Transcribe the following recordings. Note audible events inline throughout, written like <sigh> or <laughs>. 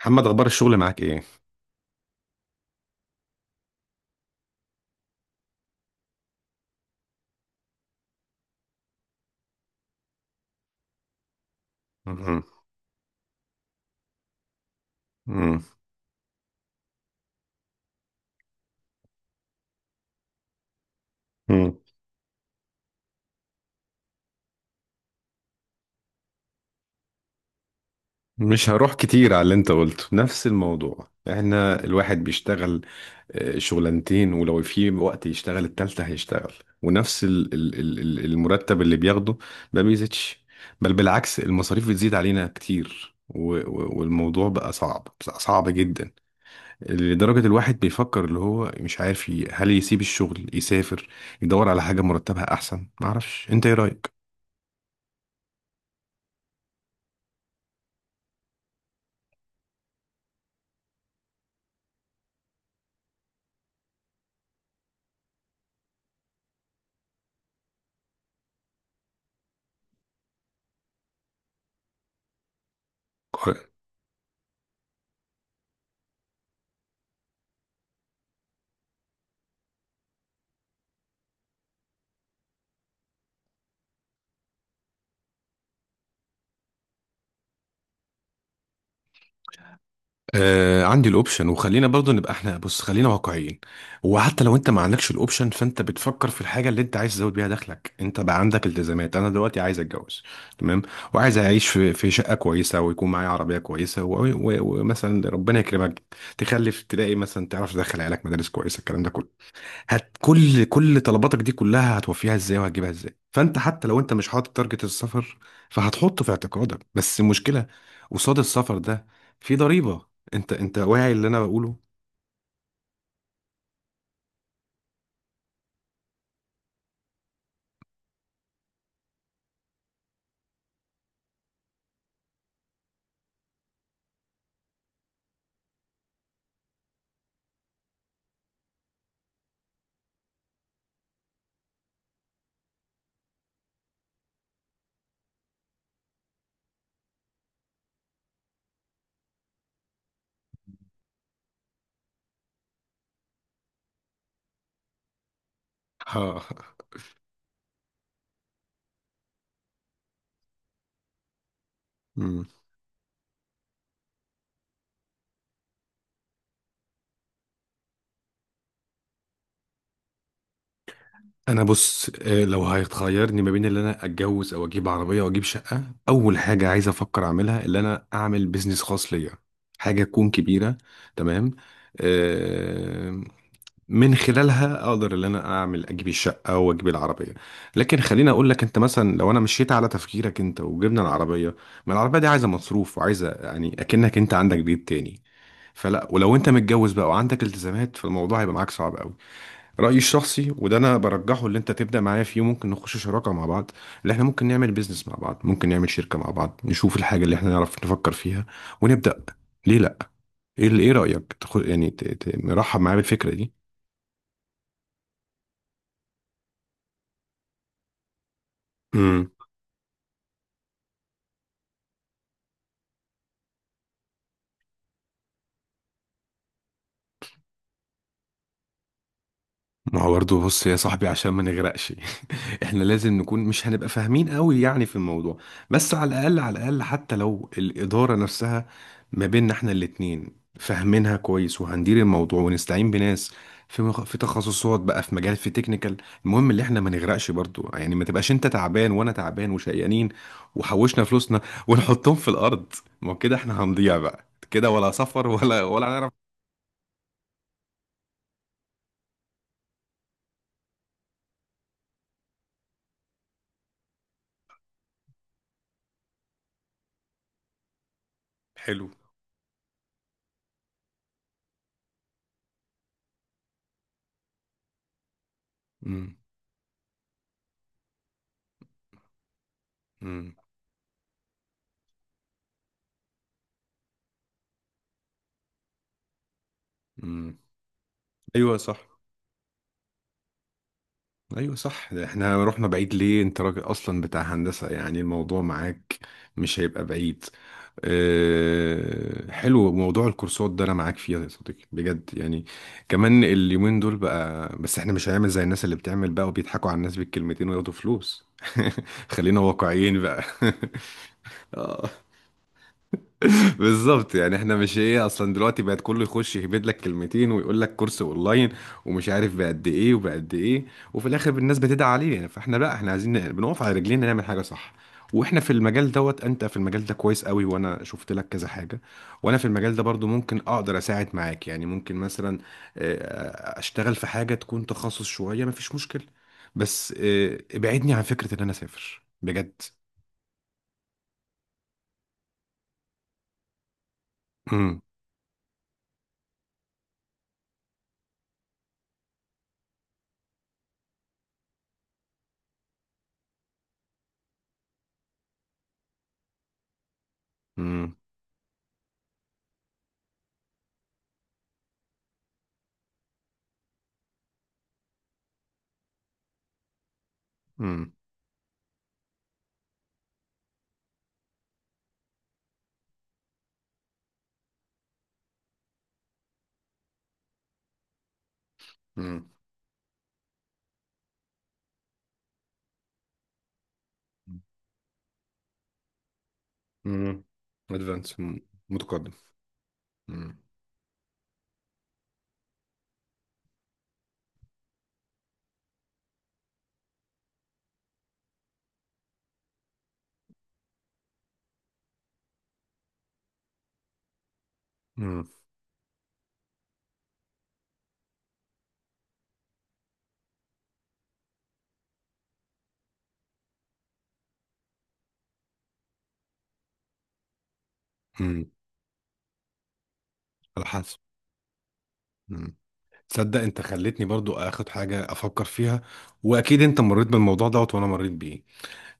محمد، اخبار الشغل معاك ايه؟ مم. مم. مم. مش هروح كتير على اللي انت قلته، نفس الموضوع. احنا الواحد بيشتغل شغلانتين، ولو في وقت يشتغل التالتة هيشتغل. ونفس المرتب اللي بياخده ما بيزيدش، بل بالعكس المصاريف بتزيد علينا كتير، و- و- والموضوع بقى صعب، بقى صعب جدا، لدرجة الواحد بيفكر، اللي هو مش عارف، هل يسيب الشغل، يسافر، يدور على حاجة مرتبها احسن. معرفش انت ايه رأيك. آه، عندي الاوبشن، وخلينا برضو نبقى احنا، بص خلينا واقعيين. وحتى لو انت ما عندكش الاوبشن فانت بتفكر في الحاجه اللي انت عايز تزود بيها دخلك. انت بقى عندك التزامات، انا دلوقتي عايز اتجوز، تمام، وعايز اعيش في في شقه كويسه، ويكون معايا عربيه كويسه، و- و- ومثلا ربنا يكرمك تخلف، تلاقي مثلا تعرف تدخل عيالك مدارس كويسه، الكلام ده كله. هت كل طلباتك دي كلها هتوفيها ازاي وهتجيبها ازاي؟ فانت حتى لو انت مش حاطط تارجت السفر فهتحطه في اعتقادك. بس المشكله قصاد السفر ده في ضريبه. انت واعي اللي انا بقوله؟ ها. مم. انا بص، لو هيخيرني ما بين اللي انا اتجوز او اجيب عربيه واجيب شقه، اول حاجه عايز افكر اعملها اللي انا اعمل بيزنس خاص ليا، حاجه تكون كبيره، تمام، آه، من خلالها اقدر ان انا اعمل اجيب الشقه واجيب العربيه. لكن خليني اقول لك، انت مثلا لو انا مشيت على تفكيرك انت وجبنا العربيه، ما العربيه دي عايزه مصروف، وعايزه يعني اكنك انت عندك بيت تاني. فلا، ولو انت متجوز بقى وعندك التزامات فالموضوع هيبقى معاك صعب قوي. رايي الشخصي، وده انا برجحه، اللي انت تبدا معايا فيه، ممكن نخش شراكه مع بعض، اللي احنا ممكن نعمل بيزنس مع بعض، ممكن نعمل شركه مع بعض، نشوف الحاجه اللي احنا نعرف نفكر فيها، ونبدا. ليه لا؟ ايه، ايه رايك؟ تاخد يعني، مرحب معايا بالفكره دي؟ امم. ما هو برضه، بص يا صاحبي، عشان ما نغرقش <laughs> احنا لازم نكون، مش هنبقى فاهمين قوي يعني في الموضوع، بس على الاقل على الاقل، حتى لو الاداره نفسها ما بيننا احنا الاتنين فاهمينها كويس، وهندير الموضوع ونستعين بناس في في تخصصات بقى، في مجال، في تكنيكال. المهم اللي احنا ما نغرقش برضه يعني، ما تبقاش انت تعبان وانا تعبان وشقيانين وحوشنا فلوسنا <laughs> ونحطهم في الارض. ما هو كده احنا هنضيع بقى، كده ولا سفر ولا هنعرف. حلو. امم. امم. امم. ايوه صح، ايوه صح. ده احنا رحنا بعيد ليه؟ انت راجل اصلا بتاع هندسة، يعني الموضوع معاك مش هيبقى بعيد. أه، حلو، موضوع الكورسات ده انا معاك فيه يا صديقي، بجد يعني، كمان اليومين دول بقى. بس احنا مش هنعمل زي الناس اللي بتعمل بقى وبيضحكوا على الناس بالكلمتين وياخدوا فلوس <laughs> خلينا واقعيين بقى <laughs> اه، بالظبط يعني. احنا مش ايه، اصلا دلوقتي بقت كله يخش يهبد لك كلمتين ويقول لك كورس اونلاين، ومش عارف بقد ايه وبقد ايه، وفي الاخر الناس بتدعي عليه يعني. فاحنا لا، احنا عايزين بنقف على رجلينا نعمل حاجه صح. واحنا في المجال دوت، انت في المجال ده كويس قوي، وانا شفت لك كذا حاجه، وانا في المجال ده برضو ممكن اقدر اساعد معاك، يعني ممكن مثلا اشتغل في حاجه تكون تخصص شويه، مفيش مشكله. بس ابعدني عن فكره ان انا اسافر، بجد. امم. امم. امم. امم. امم. ادفانس، متقدم. امم. امم. امم. على حسب. امم. تصدق انت خلتني برضو اخد حاجه افكر فيها، واكيد انت مريت بالموضوع دوت وانا مريت بيه.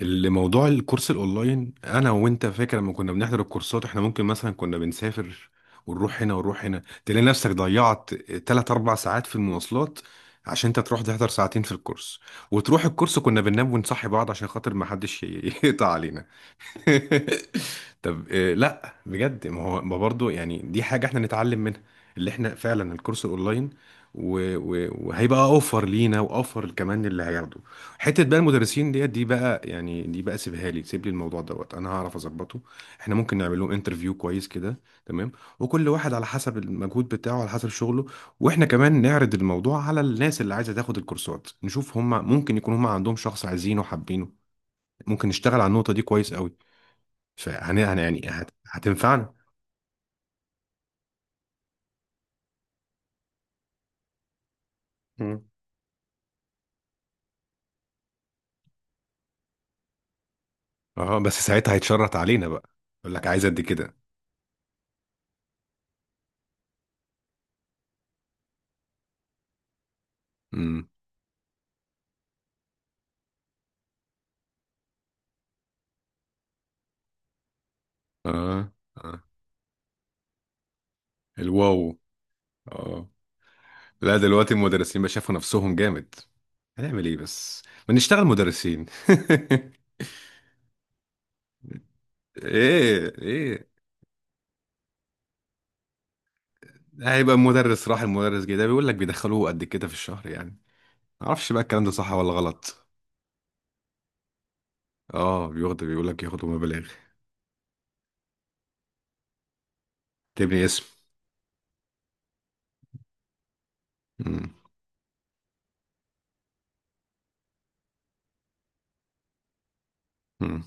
اللي موضوع الكورس الاونلاين، انا وانت فاكر لما كنا بنحضر الكورسات، احنا ممكن مثلا كنا بنسافر ونروح هنا ونروح هنا، تلاقي نفسك ضيعت 3 4 ساعات في المواصلات عشان انت تروح تحضر ساعتين في الكورس. وتروح الكورس كنا بننام ونصحي بعض عشان خاطر ما حدش <laughs> يقطع علينا <laughs> طب لا بجد، ما هو ما برضه يعني دي حاجة احنا نتعلم منها، اللي احنا فعلا الكورس اونلاين، و- و- وهيبقى اوفر لينا، واوفر كمان اللي هياخده. حتة بقى المدرسين ديت، دي بقى يعني دي بقى سيبها لي، سيب لي الموضوع دوت انا هعرف اظبطه. احنا ممكن نعمل لهم انترفيو كويس كده، تمام، وكل واحد على حسب المجهود بتاعه، على حسب شغله. واحنا كمان نعرض الموضوع على الناس اللي عايزة تاخد الكورسات، نشوف هم ممكن يكون هم عندهم شخص عايزينه وحابينه. ممكن نشتغل على النقطة دي كويس قوي، فهن يعني يعني هتنفعنا. مم. اه بس ساعتها هيتشرط علينا بقى، يقول لك عايز قد كده. امم. اه. اه. الواو. اه. لا دلوقتي المدرسين بقى شافوا نفسهم جامد. هنعمل ايه بس؟ ما نشتغل مدرسين <laughs> ايه، ايه؟ هيبقى مدرس راح المدرس جه، ده بيقول لك بيدخلوه قد كده في الشهر يعني، ما اعرفش بقى الكلام ده صح ولا غلط. اه بياخدوا، بيقول لك ياخدوا مبالغ. تبني اسم. امم. امم.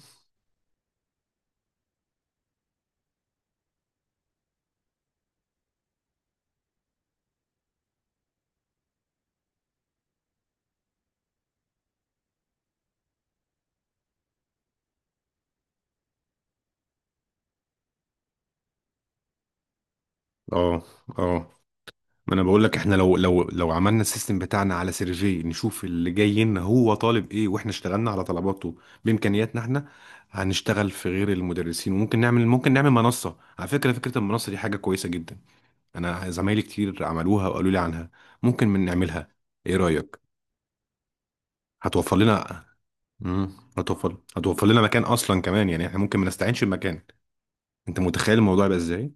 اه. اه. ما انا بقول لك احنا، لو عملنا السيستم بتاعنا على سيرفي، نشوف اللي جاي لنا هو طالب ايه، واحنا اشتغلنا على طلباته بامكانياتنا احنا. هنشتغل في غير المدرسين، وممكن نعمل، ممكن نعمل منصة. على فكرة، فكرة المنصة دي حاجة كويسة جدا، انا زمايلي كتير عملوها وقالوا لي عنها. ممكن من نعملها. ايه رأيك؟ هتوفر لنا. امم. هتوفر، هتوفر لنا مكان اصلا كمان، يعني احنا ممكن ما نستعينش بمكان. انت متخيل الموضوع يبقى ازاي؟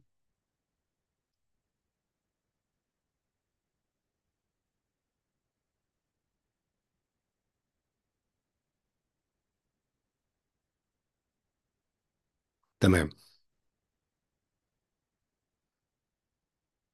تمام.